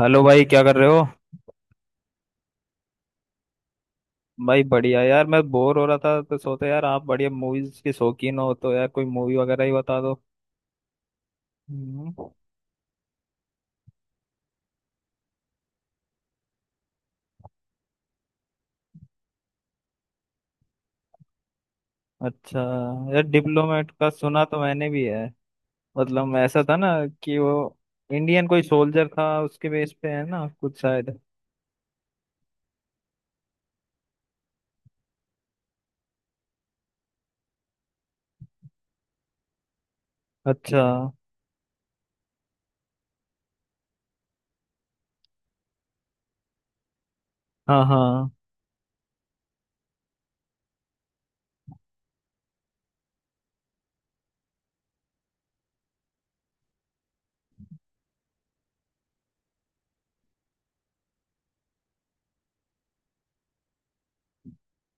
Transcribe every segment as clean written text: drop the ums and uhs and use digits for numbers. Hello भाई, क्या कर रहे हो? भाई बढ़िया यार, मैं बोर हो रहा था तो सोचा यार, आप बढ़िया मूवीज के शौकीन हो तो यार कोई मूवी वगैरह ही बता दो। हम्म। अच्छा, यार डिप्लोमेट का सुना तो मैंने भी है। मतलब ऐसा था ना कि वो इंडियन कोई सोल्जर था, उसके बेस पे है ना कुछ शायद। अच्छा। हाँ हाँ।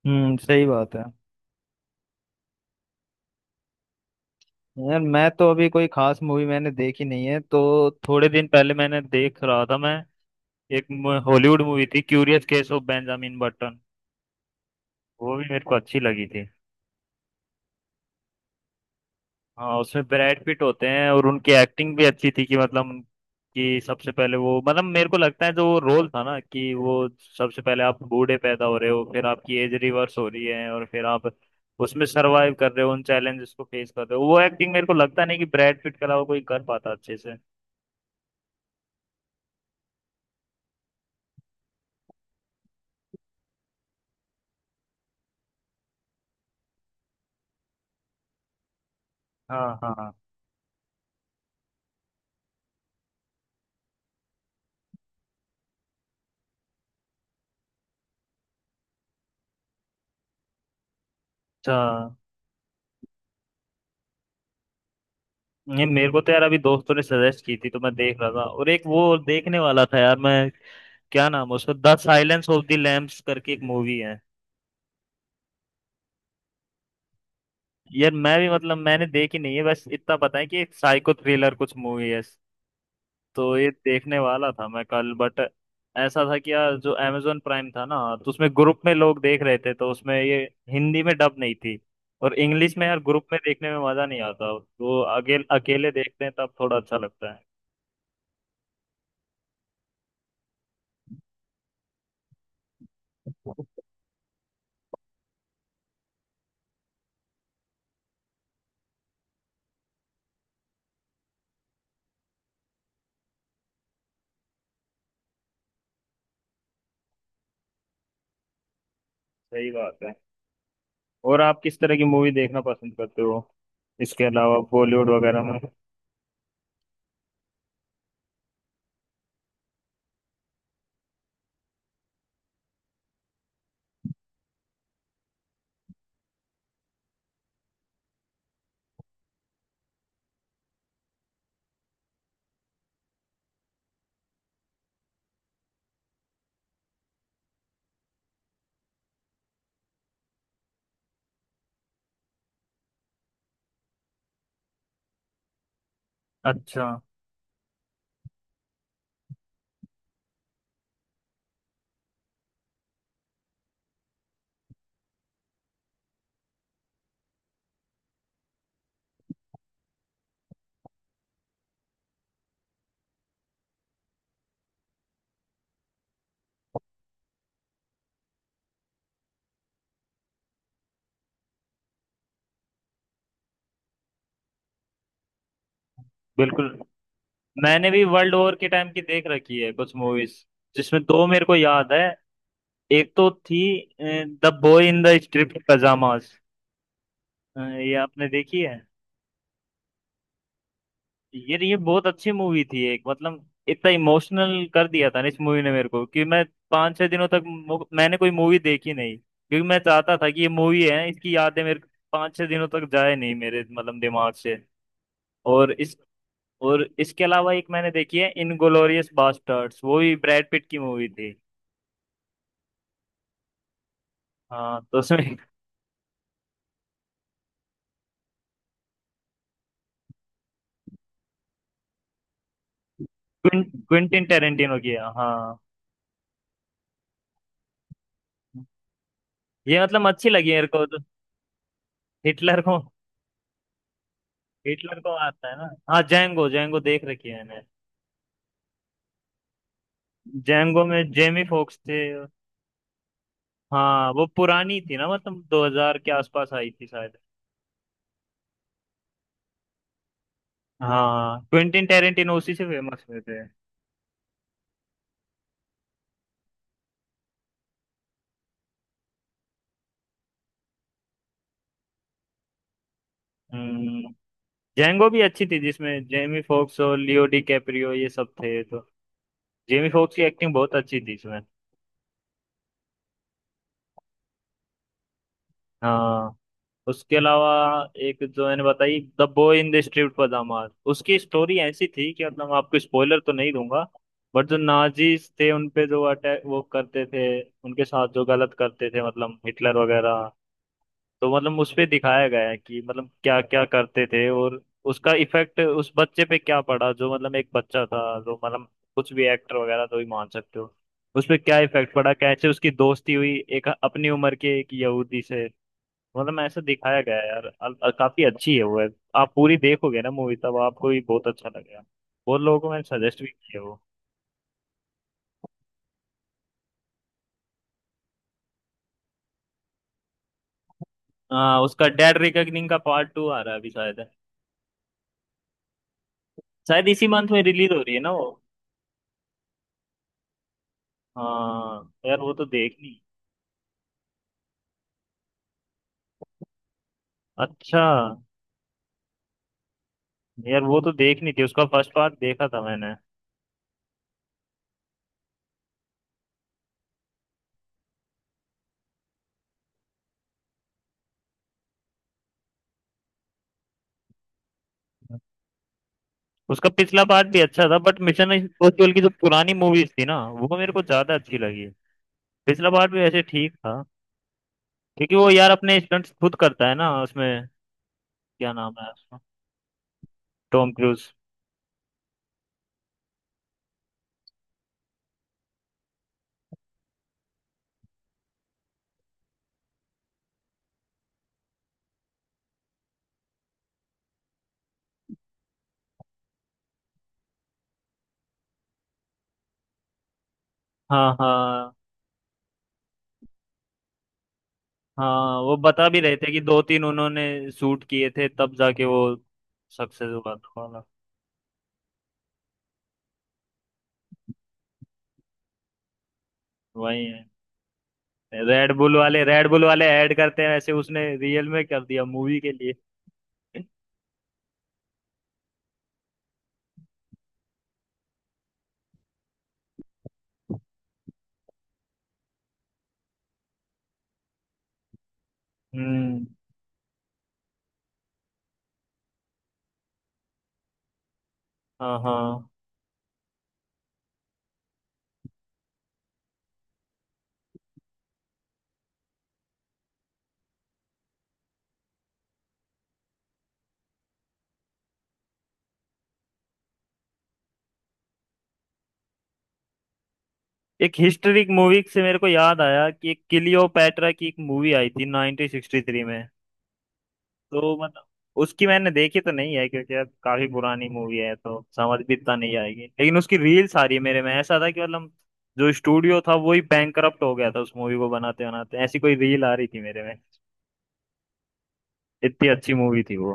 हम्म, सही बात है। यार मैं तो अभी कोई खास मूवी मैंने देखी नहीं है, तो थोड़े दिन पहले मैंने देख रहा था, मैं एक हॉलीवुड मूवी थी curious case of Benjamin Button. वो भी मेरे को अच्छी लगी थी। हाँ, उसमें ब्रैड पिट होते हैं और उनकी एक्टिंग भी अच्छी थी कि मतलब कि सबसे पहले वो मतलब मेरे को लगता है जो वो रोल था ना कि वो सबसे पहले आप बूढ़े पैदा हो रहे हो, फिर आपकी एज रिवर्स हो रही है और फिर आप उसमें सरवाइव कर रहे हो, उन चैलेंजेस को फेस कर रहे हो। वो एक्टिंग मेरे को लगता नहीं कि ब्रैड पिट के अलावा कोई कर पाता अच्छे से। हाँ हाँ। अच्छा, ये मेरे को तो यार अभी दोस्तों ने सजेस्ट की थी तो मैं देख रहा था और एक वो देखने वाला था यार मैं। क्या नाम है उसका? The silence of the lambs करके एक मूवी है। यार मैं भी मतलब मैंने देखी नहीं है, बस इतना पता है कि एक साइको थ्रिलर कुछ मूवी है। तो ये देखने वाला था मैं कल, बट ऐसा था कि यार जो amazon प्राइम था ना, तो उसमें ग्रुप में लोग देख रहे थे तो उसमें ये हिंदी में डब नहीं थी। और इंग्लिश में यार ग्रुप में देखने में मजा नहीं आता, तो अकेले अकेले देखते हैं तब थोड़ा अच्छा लगता है। सही बात है। और आप किस तरह की मूवी देखना पसंद करते हो, इसके अलावा बॉलीवुड वगैरह में? अच्छा। बिल्कुल। मैंने भी वर्ल्ड वॉर के टाइम की देख रखी है कुछ मूवीज, जिसमें दो मेरे को याद है। एक तो थी the boy in the striped pyjamas. ये आपने देखी है? ये बहुत अच्छी मूवी थी, एक मतलब इतना इमोशनल कर दिया था ना इस मूवी ने मेरे को, कि मैं 5 6 दिनों तक मैंने कोई मूवी देखी नहीं, क्योंकि मैं चाहता था कि ये मूवी है इसकी यादें मेरे 5 6 दिनों तक जाए नहीं मेरे मतलब दिमाग से। और इस और इसके अलावा एक मैंने देखी है इनग्लोरियस बास्टर्ड्स, वो भी ब्रैड पिट की मूवी थी। हाँ तो उसमें क्विंटिन टेरेंटिनो की है, हाँ, ये मतलब अच्छी लगी मेरे को तो। हिटलर को हिटलर को आता है ना। हाँ, जैंगो जैंगो देख रखी है मैंने। जैंगो में जेमी फोक्स थे। हाँ, वो पुरानी थी ना, मतलब 2000 के आसपास आई थी शायद। हाँ, क्विंटिन टेरेंटिनो उसी से फेमस हुए थे। हम्म जैंगो भी अच्छी थी जिसमें जेमी फोक्स और लियो डी कैप्रियो ये सब थे, तो जेमी फोक्स की एक्टिंग बहुत अच्छी थी इसमें। हाँ, उसके अलावा एक जो मैंने बताई the boy in the striped pyjama, उसकी स्टोरी ऐसी थी कि मतलब आपको स्पॉइलर तो नहीं दूंगा, बट जो नाजीज थे उन पे जो अटैक वो करते थे, उनके साथ जो गलत करते थे मतलब हिटलर वगैरह। तो मतलब उस पे दिखाया गया है कि मतलब क्या क्या करते थे, और उसका इफेक्ट उस बच्चे पे क्या पड़ा, जो मतलब एक बच्चा था जो मतलब कुछ भी एक्टर वगैरह तो ही मान सकते हो। उस पे क्या इफेक्ट पड़ा, कैसे उसकी दोस्ती हुई एक अपनी उम्र के एक यहूदी से। मतलब ऐसे दिखाया गया है यार काफी अच्छी है वो है। आप पूरी देखोगे ना मूवी, तब आपको भी बहुत अच्छा लगेगा। बहुत लोगों को मैंने सजेस्ट भी किया वो। हाँ, उसका डेड रिकनिंग का पार्ट टू आ रहा है अभी शायद। शायद इसी मंथ में रिलीज हो रही है ना वो। हाँ यार वो तो देखनी। अच्छा, यार वो तो देखनी थी, उसका फर्स्ट पार्ट देखा था मैंने। उसका पिछला पार्ट भी अच्छा था, बट मिशन इम्पॉसिबल की जो पुरानी मूवीज थी ना वो मेरे को ज्यादा अच्छी लगी। पिछला पार्ट भी वैसे ठीक था। क्योंकि वो यार अपने स्टंट्स खुद करता है ना उसमें। क्या नाम है उसका? Tom cruise. हाँ हाँ हाँ, वो बता भी रहे थे कि दो तीन उन्होंने शूट किए थे तब जाके वो सक्सेस हुआ था वाला। वही है, रेड बुल वाले ऐड करते हैं ऐसे, उसने रियल में कर दिया मूवी के लिए। हम्म। हाँ हाँ। एक हिस्टोरिक मूवी से मेरे को याद आया कि एक क्लियोपैट्रा की एक मूवी आई थी 1963 में। तो मतलब उसकी मैंने देखी तो नहीं है, क्योंकि अब काफी पुरानी मूवी है तो समझ भी इतना नहीं आएगी, लेकिन उसकी रील सारी मेरे में ऐसा था कि मतलब जो स्टूडियो था वो ही बैंकरप्ट हो गया था उस मूवी को बनाते बनाते, ऐसी कोई रील आ रही थी मेरे में। इतनी अच्छी मूवी थी वो।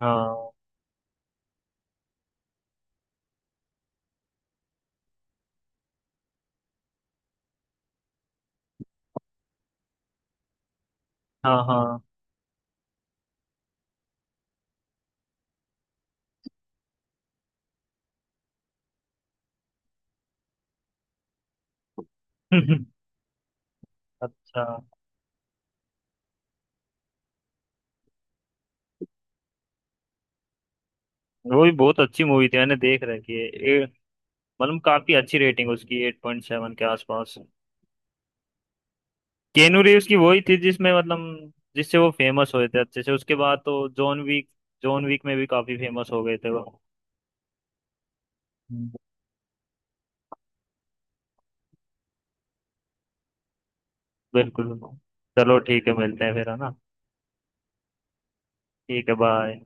हाँ हाँ हाँ। अच्छा, वो भी बहुत अच्छी मूवी थी मैंने देख रखी है, मतलब काफी अच्छी रेटिंग उसकी 8.7 के आसपास। केनू रीव्स की वही थी जिसमें मतलब जिससे वो फेमस हुए थे अच्छे से, उसके बाद तो जॉन वीक। जॉन वीक में भी काफी फेमस हो गए थे वो। हम्म, बिल्कुल। चलो ठीक है, मिलते हैं फिर है ना। ठीक है, बाय।